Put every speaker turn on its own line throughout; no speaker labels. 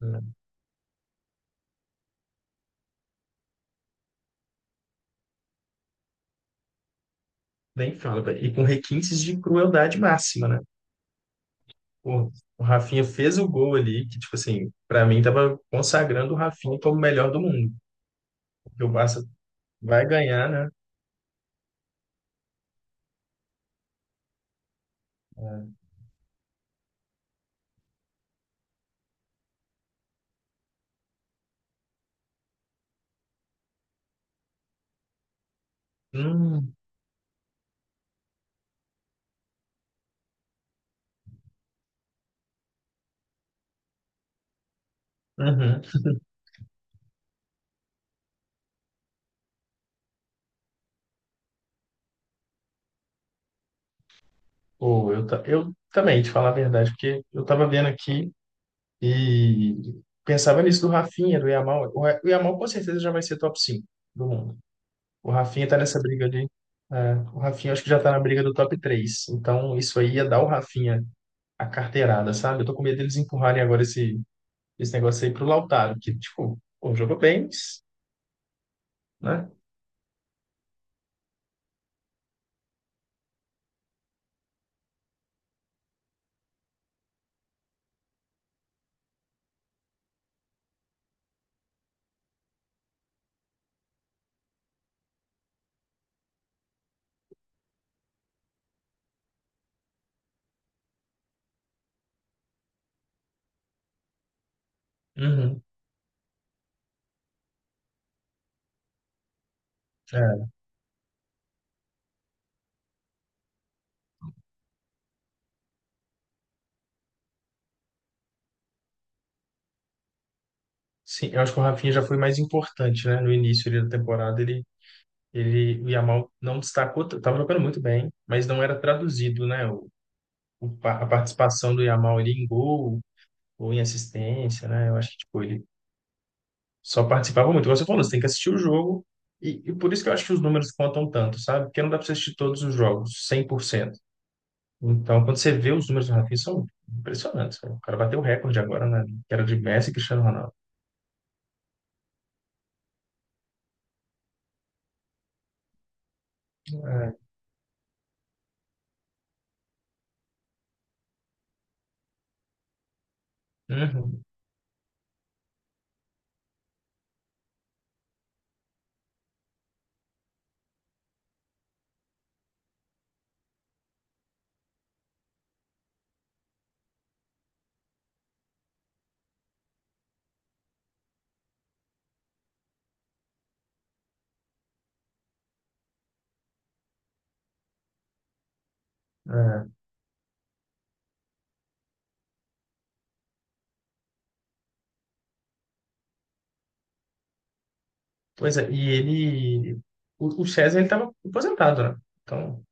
Não, nem fala, velho. E com requintes de crueldade máxima, né? Pô, o Rafinha fez o gol ali, que, tipo assim, pra mim tava consagrando o Rafinha como o melhor do mundo. Porque o Barça vai ganhar, né? Hum. Uhum. Pô, eu também, te falar a verdade, porque eu tava vendo aqui e pensava nisso do Rafinha, do Yamal. O Yamal com certeza já vai ser top 5 do mundo. O Rafinha tá nessa briga ali. É, o Rafinha acho que já tá na briga do top 3. Então, isso aí ia dar o Rafinha a carteirada, sabe? Eu tô com medo deles empurrarem agora esse negócio aí pro Lautaro, que, tipo, pô, jogou bem, mas, né? Uhum. É. Sim, eu acho que o Rafinha já foi mais importante, né? No início ali da temporada, o Yamal não destacou, tava jogando muito bem, mas não era traduzido, né? A participação do Yamal ali em gol ou em assistência, né? Eu acho que, tipo, ele só participava muito. Como você falou, você tem que assistir o jogo, e por isso que eu acho que os números contam tanto, sabe? Porque não dá pra você assistir todos os jogos, 100%. Então, quando você vê os números do Rafinha, são impressionantes, cara. O cara bateu o recorde agora, né? Que era de Messi e Cristiano Ronaldo. É. Uhum, é. Pois é, e ele... O César, ele estava aposentado, né? Então,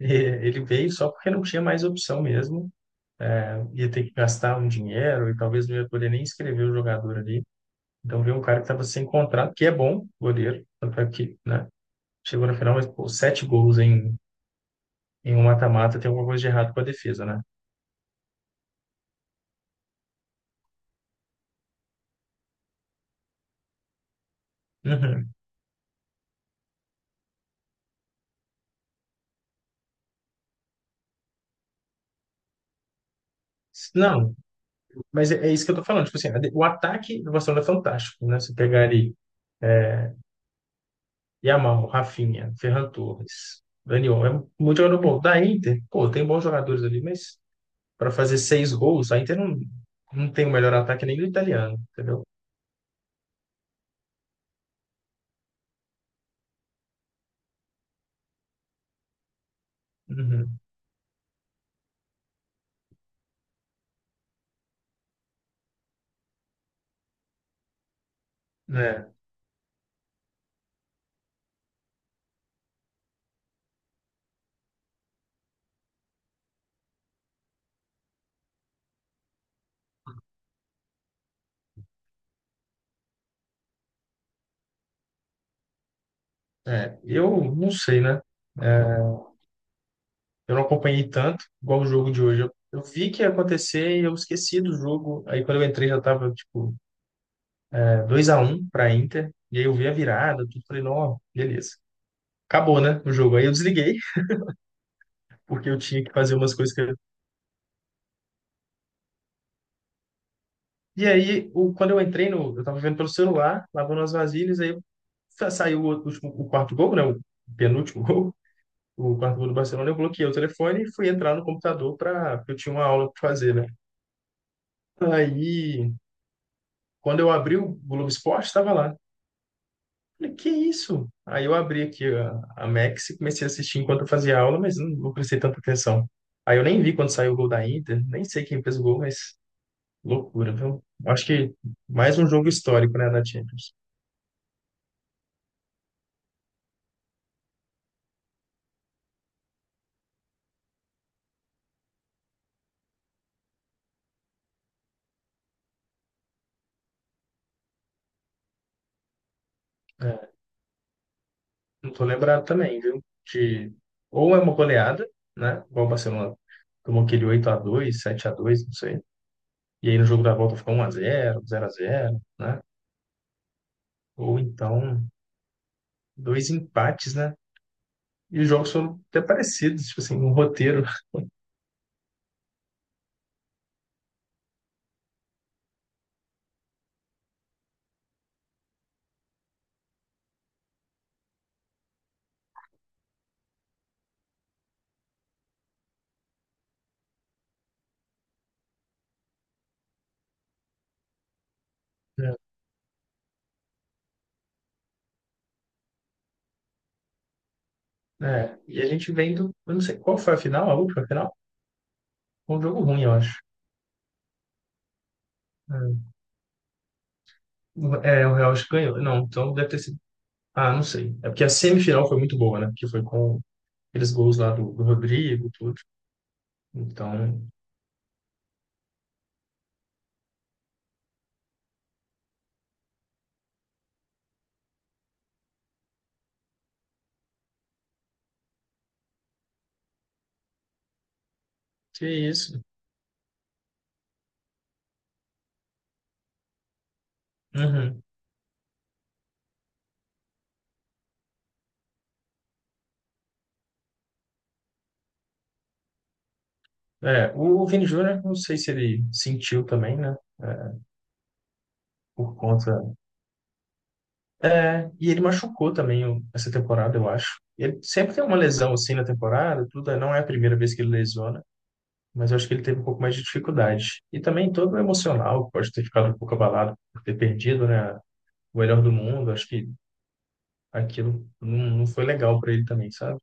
e- ele veio só porque não tinha mais opção mesmo. Ia ter que gastar um dinheiro e talvez não ia poder nem inscrever o jogador ali. Então, veio um cara que estava sem contrato, que é bom, goleiro, tanto é que, né? Chegou na final, mas, pô, sete gols em, em um mata-mata, tem alguma coisa de errado com a defesa, né? Uhum. Não, mas é isso que eu tô falando. Tipo assim, né, o ataque do Barcelona é fantástico, né? Você pegar ali Yamal, Rafinha, Ferran Torres, Daniel, é muito jogador bom. Da Inter, pô, tem bons jogadores ali, mas para fazer seis gols, a Inter não, não tem o melhor ataque nem do italiano, entendeu? Uhum. É, eu não sei, né? É, eu não acompanhei tanto, igual o jogo de hoje. Eu vi que ia acontecer e eu esqueci do jogo. Aí quando eu entrei já tava, tipo, é, 2-1 para Inter. E aí eu vi a virada, tudo. Falei, não, beleza, acabou, né, o jogo. Aí eu desliguei, porque eu tinha que fazer umas coisas que eu... E aí, o, quando eu entrei no... Eu tava vendo pelo celular, lavando as vasilhas, aí saiu o último, o quarto gol, né, o penúltimo gol, o quarto gol do Barcelona. Eu bloqueei o telefone e fui entrar no computador, para eu tinha uma aula para fazer, né. Aí, quando eu abri o Globo Esporte, estava lá. Falei, que isso? Aí eu abri aqui a Max e comecei a assistir enquanto eu fazia aula, mas não, não prestei tanta atenção. Aí eu nem vi quando saiu o gol da Inter, nem sei quem fez o gol, mas... Loucura, viu? Acho que mais um jogo histórico, né, na Champions. É, não tô lembrado também, viu? Ou é uma goleada, né? Igual o Barcelona tomou aquele 8-2, 7-2, não sei. E aí no jogo da volta ficou 1-0, 0-0, né? Ou então dois empates, né? E os jogos foram até parecidos, tipo assim, um roteiro. Né? É, e a gente vendo, eu não sei qual foi a final, a última final? Foi um jogo ruim, eu acho. É, o Real acho que ganhou. Não, então deve ter sido... Ah, não sei. É porque a semifinal foi muito boa, né? Porque foi com aqueles gols lá do Rodrigo, tudo. Então, que isso. Uhum. É, o Vini Júnior, não sei se ele sentiu também, né? É, por conta. É, e ele machucou também essa temporada, eu acho. Ele sempre tem uma lesão assim na temporada, tudo. É, não é a primeira vez que ele lesiona, mas eu acho que ele teve um pouco mais de dificuldade. E também todo o emocional, pode ter ficado um pouco abalado por ter perdido, né? O melhor do mundo. Acho que aquilo não, não foi legal para ele também, sabe?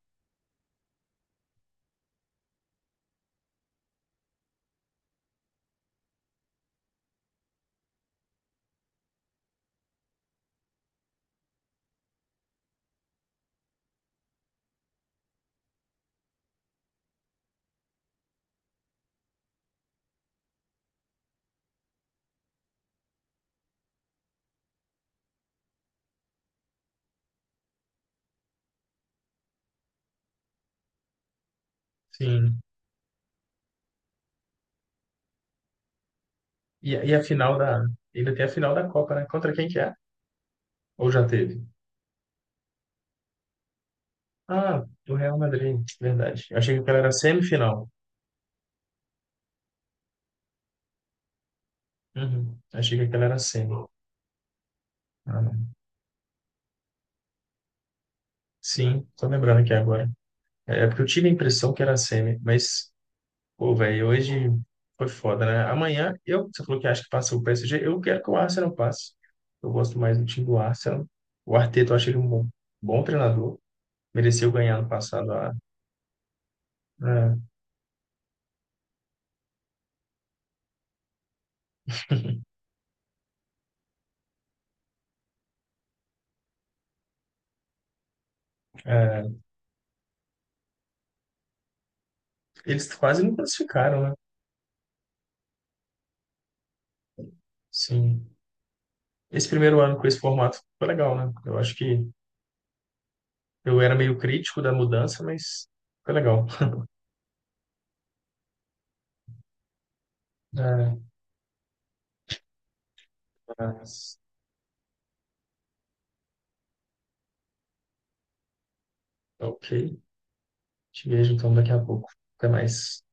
Sim. E a final da... Ainda tem a final da Copa, né? Contra quem que é? Ou já teve? Ah, do Real Madrid, verdade. Eu achei que aquela era semifinal. Uhum. Achei que aquela era semi. Ah, não. Sim, tô lembrando aqui agora. É porque eu tive a impressão que era semi, mas, pô, velho, hoje foi foda, né? Amanhã, eu, você falou que acha que passa o PSG, eu quero que o Arsenal passe. Eu gosto mais do time do Arsenal. O Arteta, eu acho ele um bom, bom treinador. Mereceu ganhar no passado a- a- eles quase não classificaram, né? Sim. Esse primeiro ano com esse formato foi legal, né? Eu acho que eu era meio crítico da mudança, mas foi legal. É, mas, ok. Te vejo então daqui a pouco. Até mais.